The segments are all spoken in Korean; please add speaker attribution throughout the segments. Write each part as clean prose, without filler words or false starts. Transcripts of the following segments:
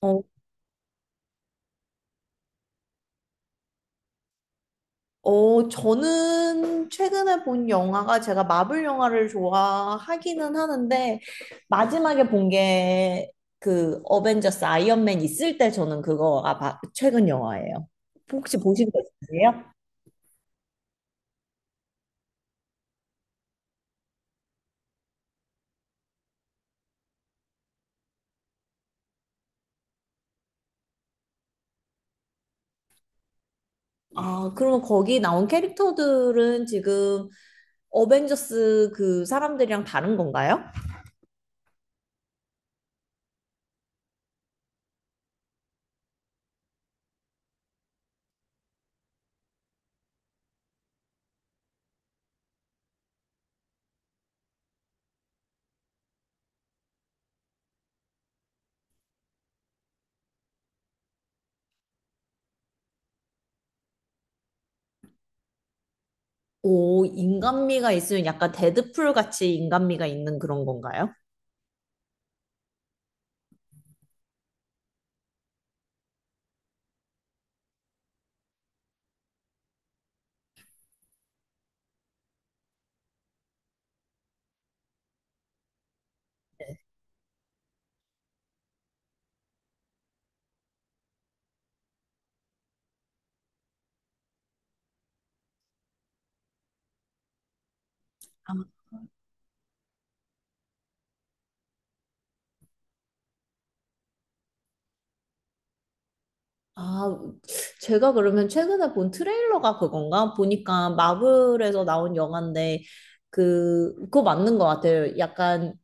Speaker 1: 어, 저는 최근에 본 영화가 제가 마블 영화를 좋아하기는 하는데 마지막에 본 게 그 어벤져스 아이언맨 있을 때 저는 최근 영화예요. 혹시 보신 거 있으세요? 아, 그러면 거기 나온 캐릭터들은 지금 어벤져스 그 사람들이랑 다른 건가요? 오, 인간미가 있으면 약간 데드풀 같이 인간미가 있는 그런 건가요? 아, 제가 그러면 최근에 본 트레일러가 그건가? 보니까 마블에서 나온 영화인데, 그, 그거 맞는 것 같아요. 약간,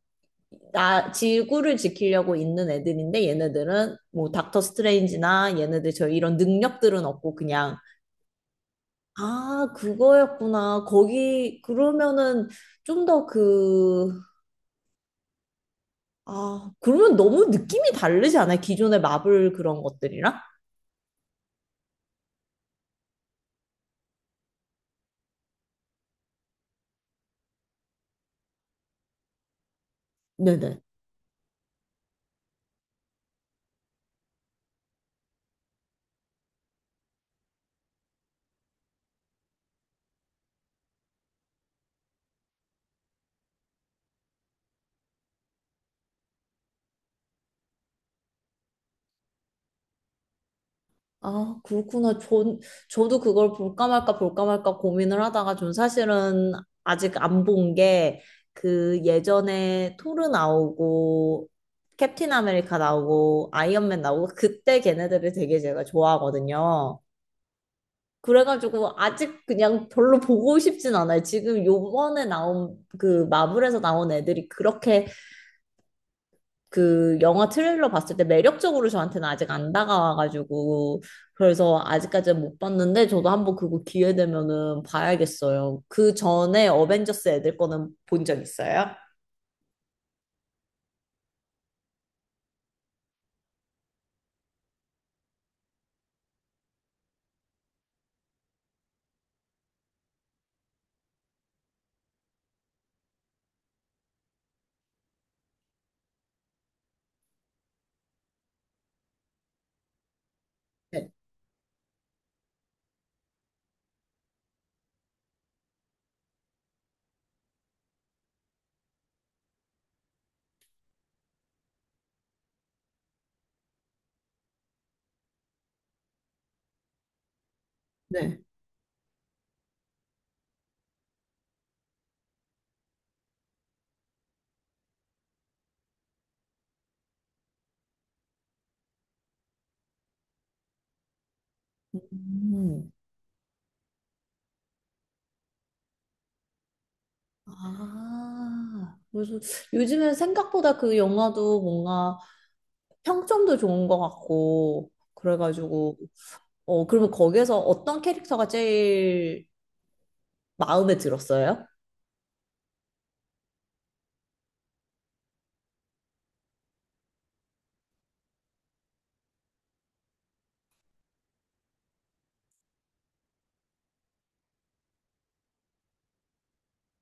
Speaker 1: 나, 지구를 지키려고 있는 애들인데, 얘네들은 뭐, 닥터 스트레인지나 얘네들 저 이런 능력들은 없고, 그냥, 아, 그거였구나. 거기, 그러면은 좀 더 그, 아, 그러면 너무 느낌이 다르지 않아요? 기존의 마블 그런 것들이랑? 네네. 아, 그렇구나. 전, 저도 그걸 볼까 말까 고민을 하다가 전 사실은 아직 안 본 게 그 예전에 토르 나오고 캡틴 아메리카 나오고 아이언맨 나오고 그때 걔네들을 되게 제가 좋아하거든요. 그래가지고 아직 그냥 별로 보고 싶진 않아요. 지금 요번에 나온 그 마블에서 나온 애들이 그렇게 그 영화 트레일러 봤을 때 매력적으로 저한테는 아직 안 다가와가지고 그래서 아직까지는 못 봤는데 저도 한번 그거 기회 되면은 봐야겠어요. 그 전에 어벤져스 애들 거는 본 적 있어요? 네. 네. 음. 아, 그래서 요즘엔 생각보다 그 영화도 뭔가 평점도 좋은 것 같고, 그래가지고, 어, 그러면 거기에서 어떤 캐릭터가 제일 마음에 들었어요?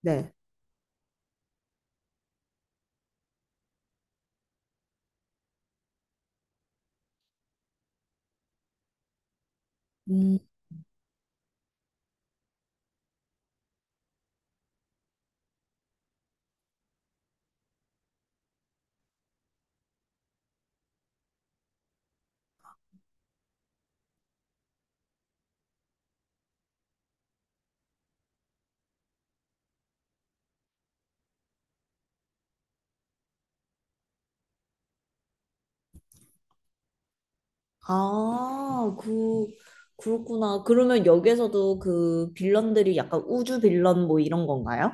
Speaker 1: 네. 아, 그, 그렇구나. 그러면 여기에서도 그 빌런들이 약간 우주 빌런 뭐 이런 건가요?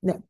Speaker 1: 네.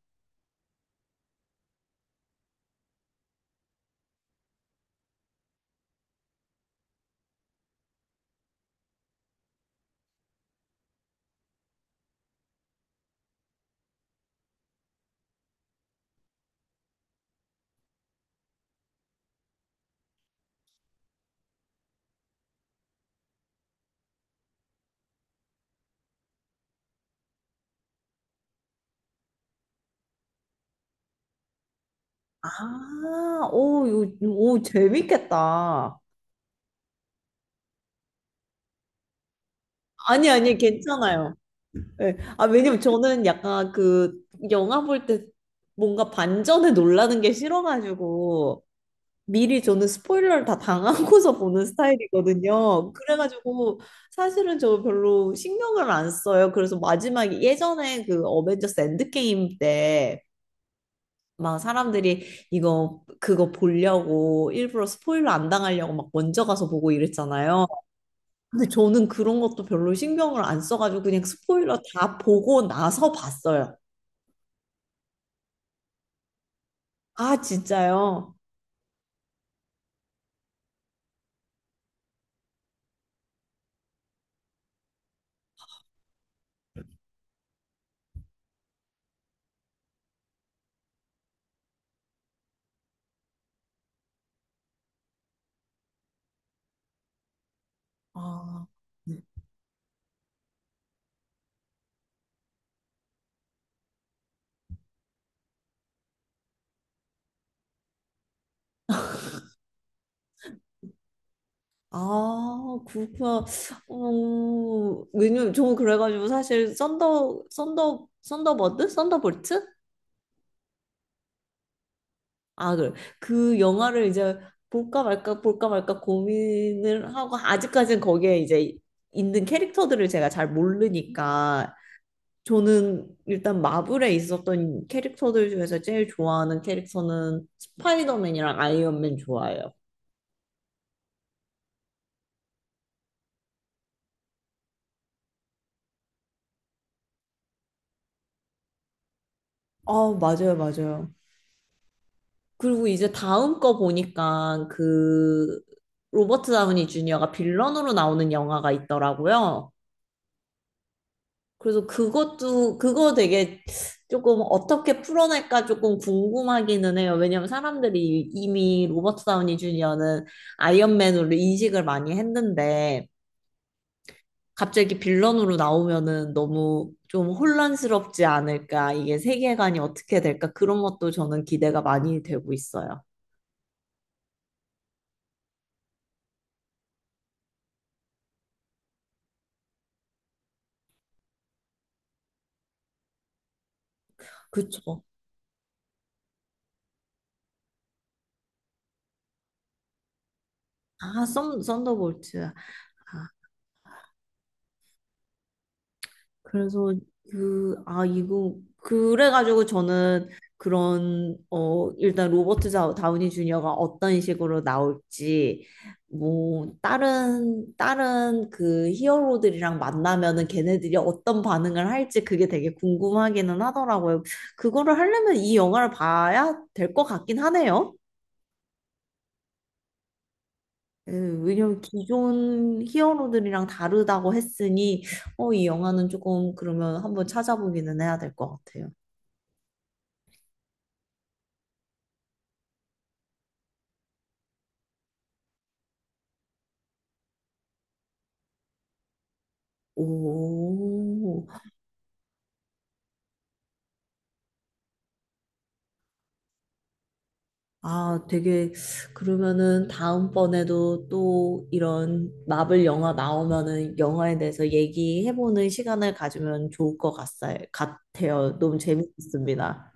Speaker 1: 아, 오, 오, 재밌겠다. 아니, 아니, 괜찮아요. 네. 아, 왜냐면 저는 약간 그 영화 볼 때 뭔가 반전에 놀라는 게 싫어가지고, 미리 저는 스포일러를 다 당하고서 보는 스타일이거든요. 그래가지고 사실은 저 별로 신경을 안 써요. 그래서 마지막에 예전에 그 어벤져스 엔드게임 때 막 사람들이 이거 그거 보려고 일부러 스포일러 안 당하려고 막 먼저 가서 보고 이랬잖아요. 근데 저는 그런 것도 별로 신경을 안 써가지고 그냥 스포일러 다 보고 나서 봤어요. 아, 진짜요? 아. 아, 그렇구나. 어, 왜냐면 저 그래가지고 사실 썬더버드? 썬더볼트? 아, 그래. 그 영화를 이제 볼까 말까 고민을 하고, 아직까지는 거기에 이제 있는 캐릭터들을 제가 잘 모르니까, 저는 일단 마블에 있었던 캐릭터들 중에서 제일 좋아하는 캐릭터는 스파이더맨이랑 아이언맨 좋아해요. 아, 맞아요, 맞아요. 그리고 이제 다음 거 보니까 그 로버트 다우니 주니어가 빌런으로 나오는 영화가 있더라고요. 그래서 그것도 그거 되게 조금 어떻게 풀어낼까 조금 궁금하기는 해요. 왜냐면 사람들이 이미 로버트 다우니 주니어는 아이언맨으로 인식을 많이 했는데 갑자기 빌런으로 나오면은 너무 좀 혼란스럽지 않을까? 이게 세계관이 어떻게 될까? 그런 것도 저는 기대가 많이 되고 있어요. 그쵸. 아, 썬더볼트. 아, 그래서 그래가지고 저는 그런, 어, 일단 다우니 주니어가 어떤 식으로 나올지, 뭐, 다른 그 히어로들이랑 만나면은 걔네들이 어떤 반응을 할지 그게 되게 궁금하기는 하더라고요. 그거를 하려면 이 영화를 봐야 될 것 같긴 하네요. 왜냐면 기존 히어로들이랑 다르다고 했으니, 어, 이 영화는 조금 그러면 한번 찾아보기는 해야 될 것 같아요. 오, 아, 되게, 그러면은 다음번에도 또 이런 마블 영화 나오면은 영화에 대해서 얘기해보는 시간을 가지면 좋을 것 같아요. 너무 재밌었습니다.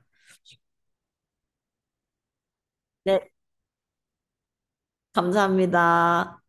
Speaker 1: 네, 감사합니다.